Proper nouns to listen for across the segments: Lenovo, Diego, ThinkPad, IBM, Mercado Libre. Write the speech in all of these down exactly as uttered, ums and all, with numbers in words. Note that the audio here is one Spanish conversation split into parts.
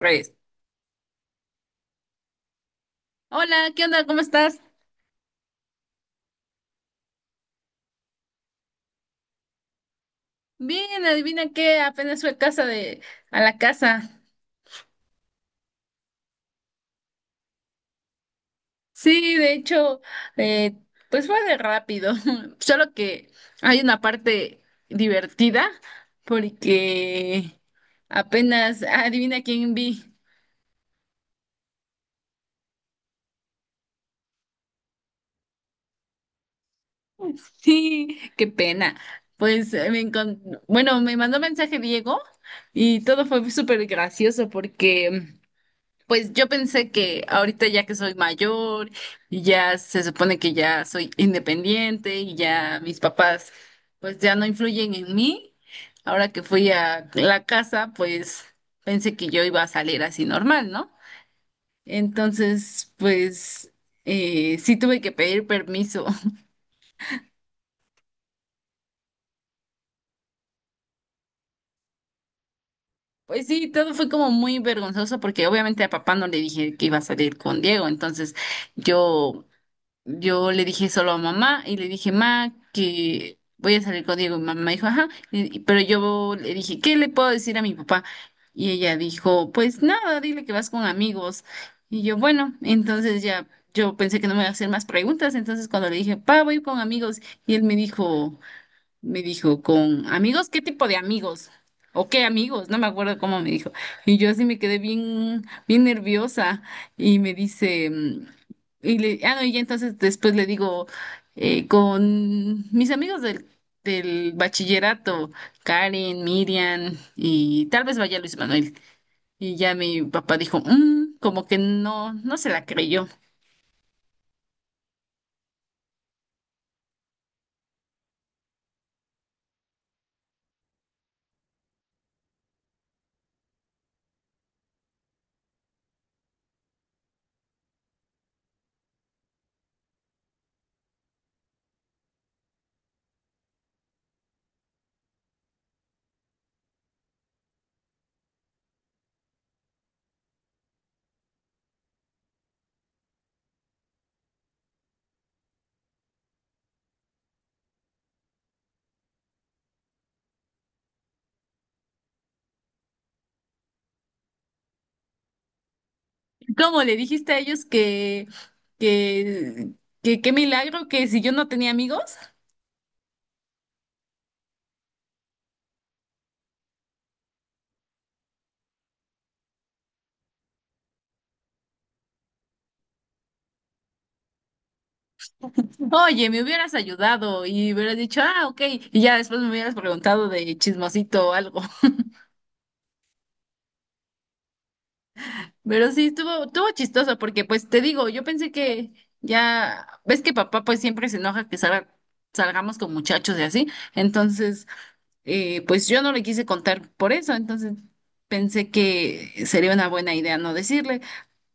Reyes. Hola, ¿qué onda? ¿Cómo estás? Bien, adivina qué, apenas fue casa de, a la casa. Sí, de hecho, eh, pues fue de rápido, solo que hay una parte divertida porque apenas, adivina quién vi. Sí, qué pena. Pues eh, me encon- bueno, me mandó mensaje Diego y todo fue súper gracioso porque pues yo pensé que ahorita ya que soy mayor y ya se supone que ya soy independiente y ya mis papás pues ya no influyen en mí. Ahora que fui a la casa, pues pensé que yo iba a salir así normal, ¿no? Entonces, pues eh, sí tuve que pedir permiso. Pues sí, todo fue como muy vergonzoso porque obviamente a papá no le dije que iba a salir con Diego, entonces yo Yo le dije solo a mamá y le dije, ma, que voy a salir con Diego. Y mamá dijo, ajá. Y- pero yo le dije, ¿qué le puedo decir a mi papá? Y ella dijo, pues nada, dile que vas con amigos. Y yo, bueno, entonces ya yo pensé que no me iba a hacer más preguntas. Entonces cuando le dije, pa, voy con amigos, y él me dijo, me dijo, ¿con amigos? ¿Qué tipo de amigos? ¿O qué amigos? No me acuerdo cómo me dijo. Y yo así me quedé bien, bien nerviosa. Y me dice, mm, y le, ah, no, y ya entonces después le digo, eh, con mis amigos del, del bachillerato, Karen, Miriam y tal vez vaya Luis Manuel. Y ya mi papá dijo, "Mm", como que no, no se la creyó. ¿Cómo le dijiste a ellos que, que, que qué milagro que si yo no tenía amigos? Oye, me hubieras ayudado y hubieras dicho, ah, ok, y ya después me hubieras preguntado de chismosito o algo. Pero sí, estuvo, estuvo chistoso porque, pues, te digo, yo pensé que ya, ves que papá pues siempre se enoja que salga- salgamos con muchachos y así. Entonces, eh, pues yo no le quise contar por eso, entonces pensé que sería una buena idea no decirle.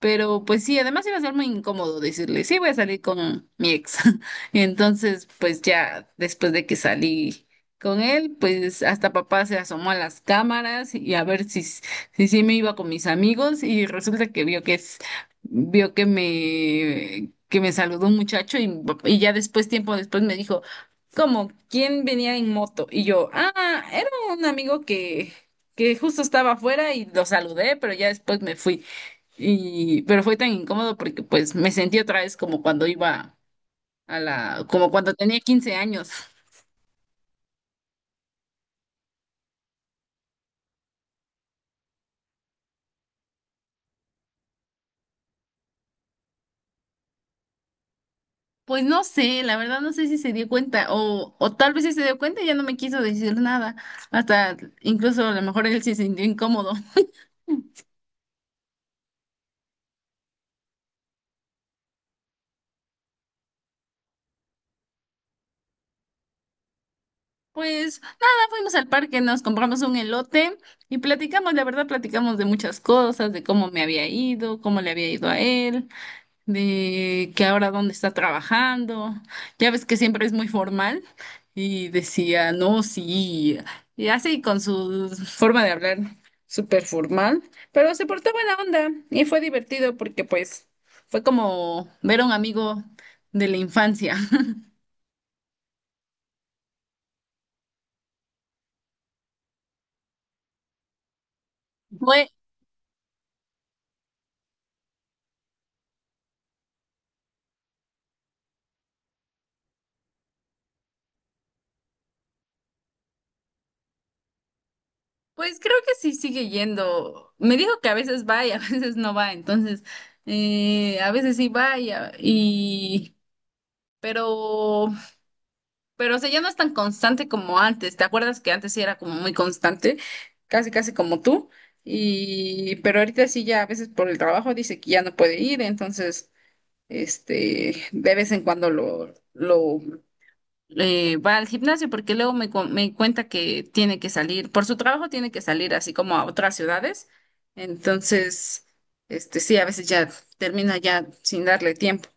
Pero pues sí, además iba a ser muy incómodo decirle, sí, voy a salir con mi ex. Entonces, pues ya después de que salí con él, pues hasta papá se asomó a las cámaras y a ver si, si sí me iba con mis amigos y resulta que vio que es, vio que me, que me saludó un muchacho y, y ya después, tiempo después me dijo, ¿cómo? ¿Quién venía en moto? Y yo, ah, era un amigo que, que justo estaba afuera y lo saludé, pero ya después me fui. Y, pero fue tan incómodo porque pues me sentí otra vez como cuando iba a la, como cuando tenía quince años. Pues no sé, la verdad no sé si se dio cuenta o, o tal vez sí se dio cuenta y ya no me quiso decir nada. Hasta incluso a lo mejor él se sintió incómodo. Pues nada, fuimos al parque, nos compramos un elote y platicamos, la verdad platicamos de muchas cosas, de cómo me había ido, cómo le había ido a él, de que ahora dónde está trabajando. Ya ves que siempre es muy formal y decía, no, sí, y así con su forma de hablar súper formal, pero se portó buena onda y fue divertido porque pues fue como ver a un amigo de la infancia. Pues, pues creo que sí sigue yendo. Me dijo que a veces va y a veces no va, entonces eh, a veces sí va, y, a- y- pero Pero, o sea, ya no es tan constante como antes. ¿Te acuerdas que antes sí era como muy constante? Casi, casi como tú. Y, pero ahorita sí ya a veces por el trabajo dice que ya no puede ir, entonces, este, de vez en cuando lo, lo, eh, va al gimnasio porque luego me, cu- me cuenta que tiene que salir, por su trabajo tiene que salir así como a otras ciudades. Entonces, este, sí, a veces ya termina ya sin darle tiempo.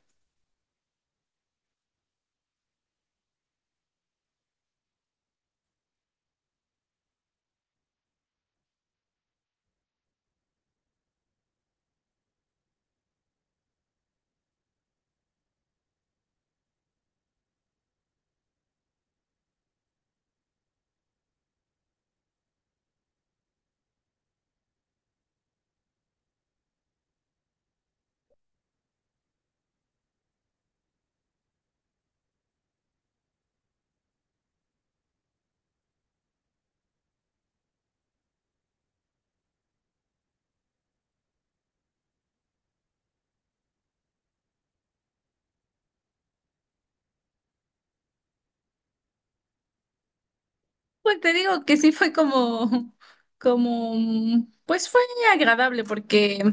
Pues te digo que sí fue como, como, mm, pues fue agradable porque,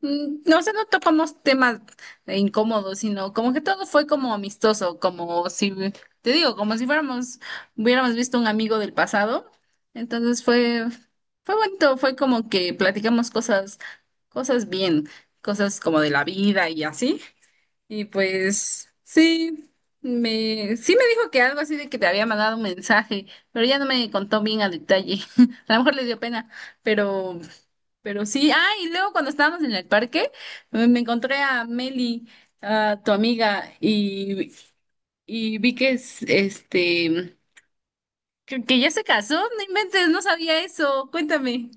mm, no, o sea, no tocamos temas eh, incómodos, sino como que todo fue como amistoso, como si, te digo, como si fuéramos, hubiéramos visto un amigo del pasado. Entonces fue, fue, bonito, fue como que platicamos cosas, cosas bien, cosas como de la vida y así. Y pues sí, me, sí me dijo que algo así de que te había mandado un mensaje, pero ya no me contó bien a detalle. A lo mejor le dio pena, pero, pero sí. Ah, y luego cuando estábamos en el parque, me me encontré a Meli, a tu amiga, y, y vi que es, este, que, que ya se casó, no inventes, no sabía eso, cuéntame.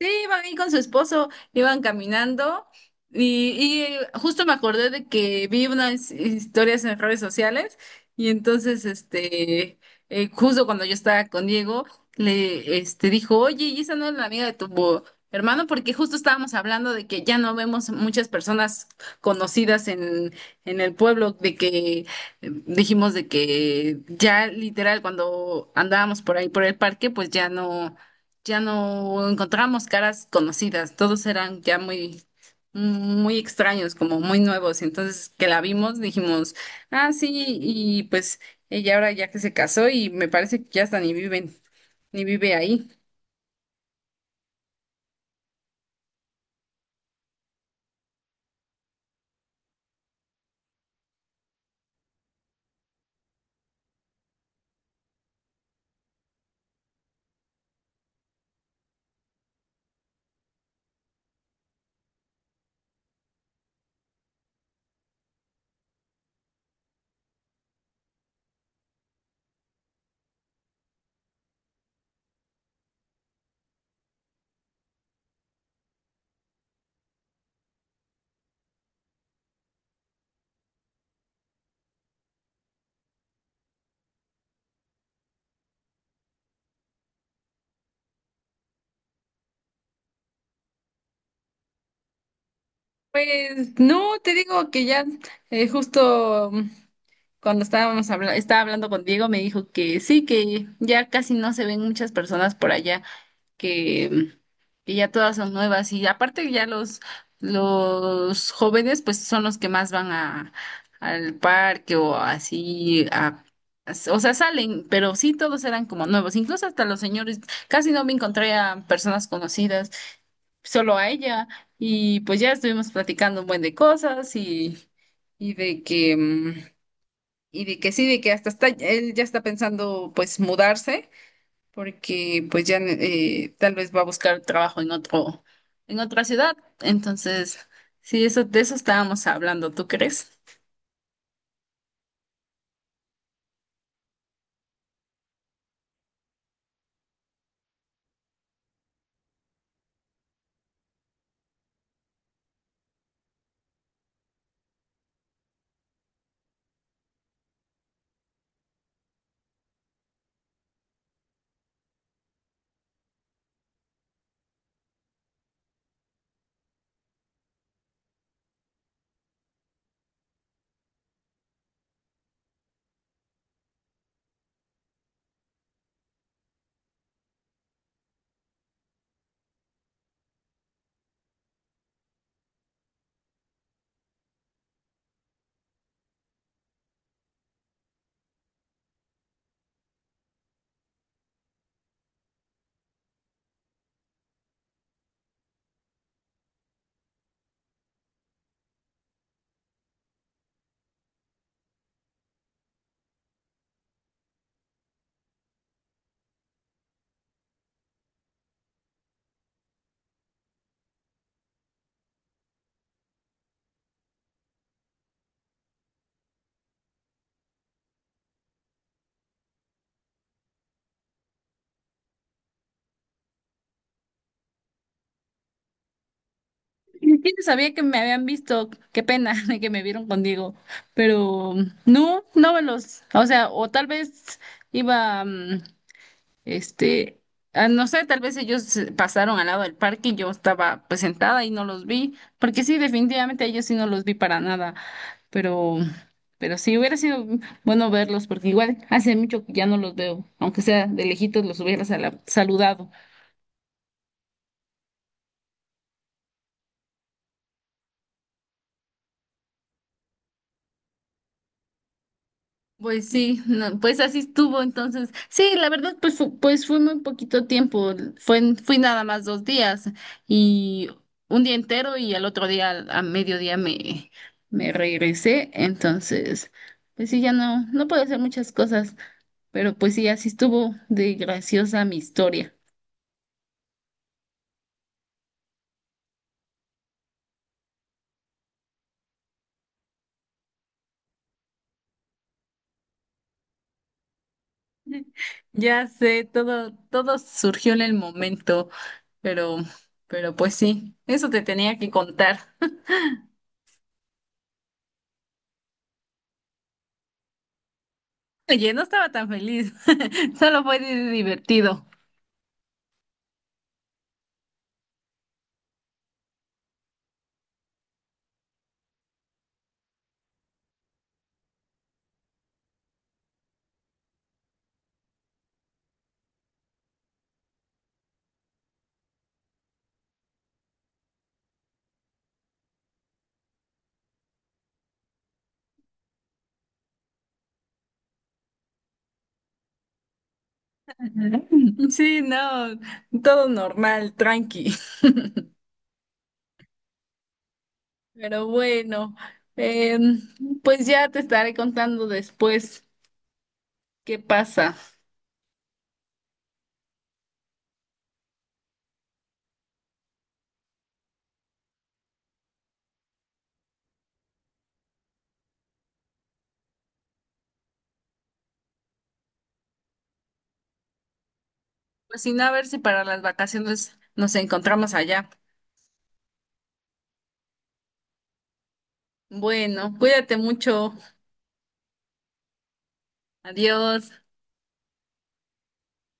Sí, iban ahí con su esposo, iban caminando y, y justo me acordé de que vi unas historias en redes sociales y entonces, este, eh, justo cuando yo estaba con Diego, le, este, dijo, oye, ¿y esa no es la amiga de tu bo- hermano? Porque justo estábamos hablando de que ya no vemos muchas personas conocidas en, en el pueblo, de que eh, dijimos de que ya literal cuando andábamos por ahí por el parque, pues ya no ya no encontrábamos caras conocidas, todos eran ya muy, muy extraños, como muy nuevos. Entonces, que la vimos, dijimos, ah, sí, y pues ella ahora ya que se casó y me parece que ya hasta ni viven, ni vive ahí. Pues no, te digo que ya eh, justo mm, cuando estábamos habla- estaba hablando con Diego me dijo que sí, que ya casi no se ven muchas personas por allá, que ya todas son nuevas y aparte ya los los jóvenes pues son los que más van a al parque o así a o sea, salen, pero sí todos eran como nuevos, incluso hasta los señores, casi no me encontré a personas conocidas, solo a ella y pues ya estuvimos platicando un buen de cosas y y de que mm, y de que sí, de que hasta está él ya está pensando pues mudarse porque pues ya eh, tal vez va a buscar trabajo en otro, en otra ciudad. Entonces, sí, eso, de eso estábamos hablando, ¿tú crees? Ni siquiera sabía que me habían visto, qué pena de que me vieron contigo, pero no, no me los, o sea, o tal vez iba, mm, Este, ah, no sé, tal vez ellos se pasaron al lado del parque y yo estaba pues sentada y no los vi, porque sí, definitivamente a ellos sí no los vi para nada, pero, pero sí hubiera sido bueno verlos, porque igual hace mucho que ya no los veo, aunque sea de lejitos los hubiera sala- saludado. Pues sí, no, pues así estuvo entonces. Sí, la verdad, pues, fu- pues fue muy poquito tiempo, fue, en- fui nada más dos días y un día entero y al otro día al- a mediodía me, me regresé, entonces, pues sí, ya no, no puedo hacer muchas cosas, pero pues sí, así estuvo de graciosa mi historia. Ya sé, todo, todo surgió en el momento, pero, pero, pues sí, eso te tenía que contar. Oye, no estaba tan feliz, solo fue di- divertido. Ujú. Sí, no, todo normal, tranqui. Pero bueno, em, pues ya te estaré contando después qué pasa. Pues si no, a ver si para las vacaciones nos encontramos allá. Bueno, cuídate mucho. Adiós.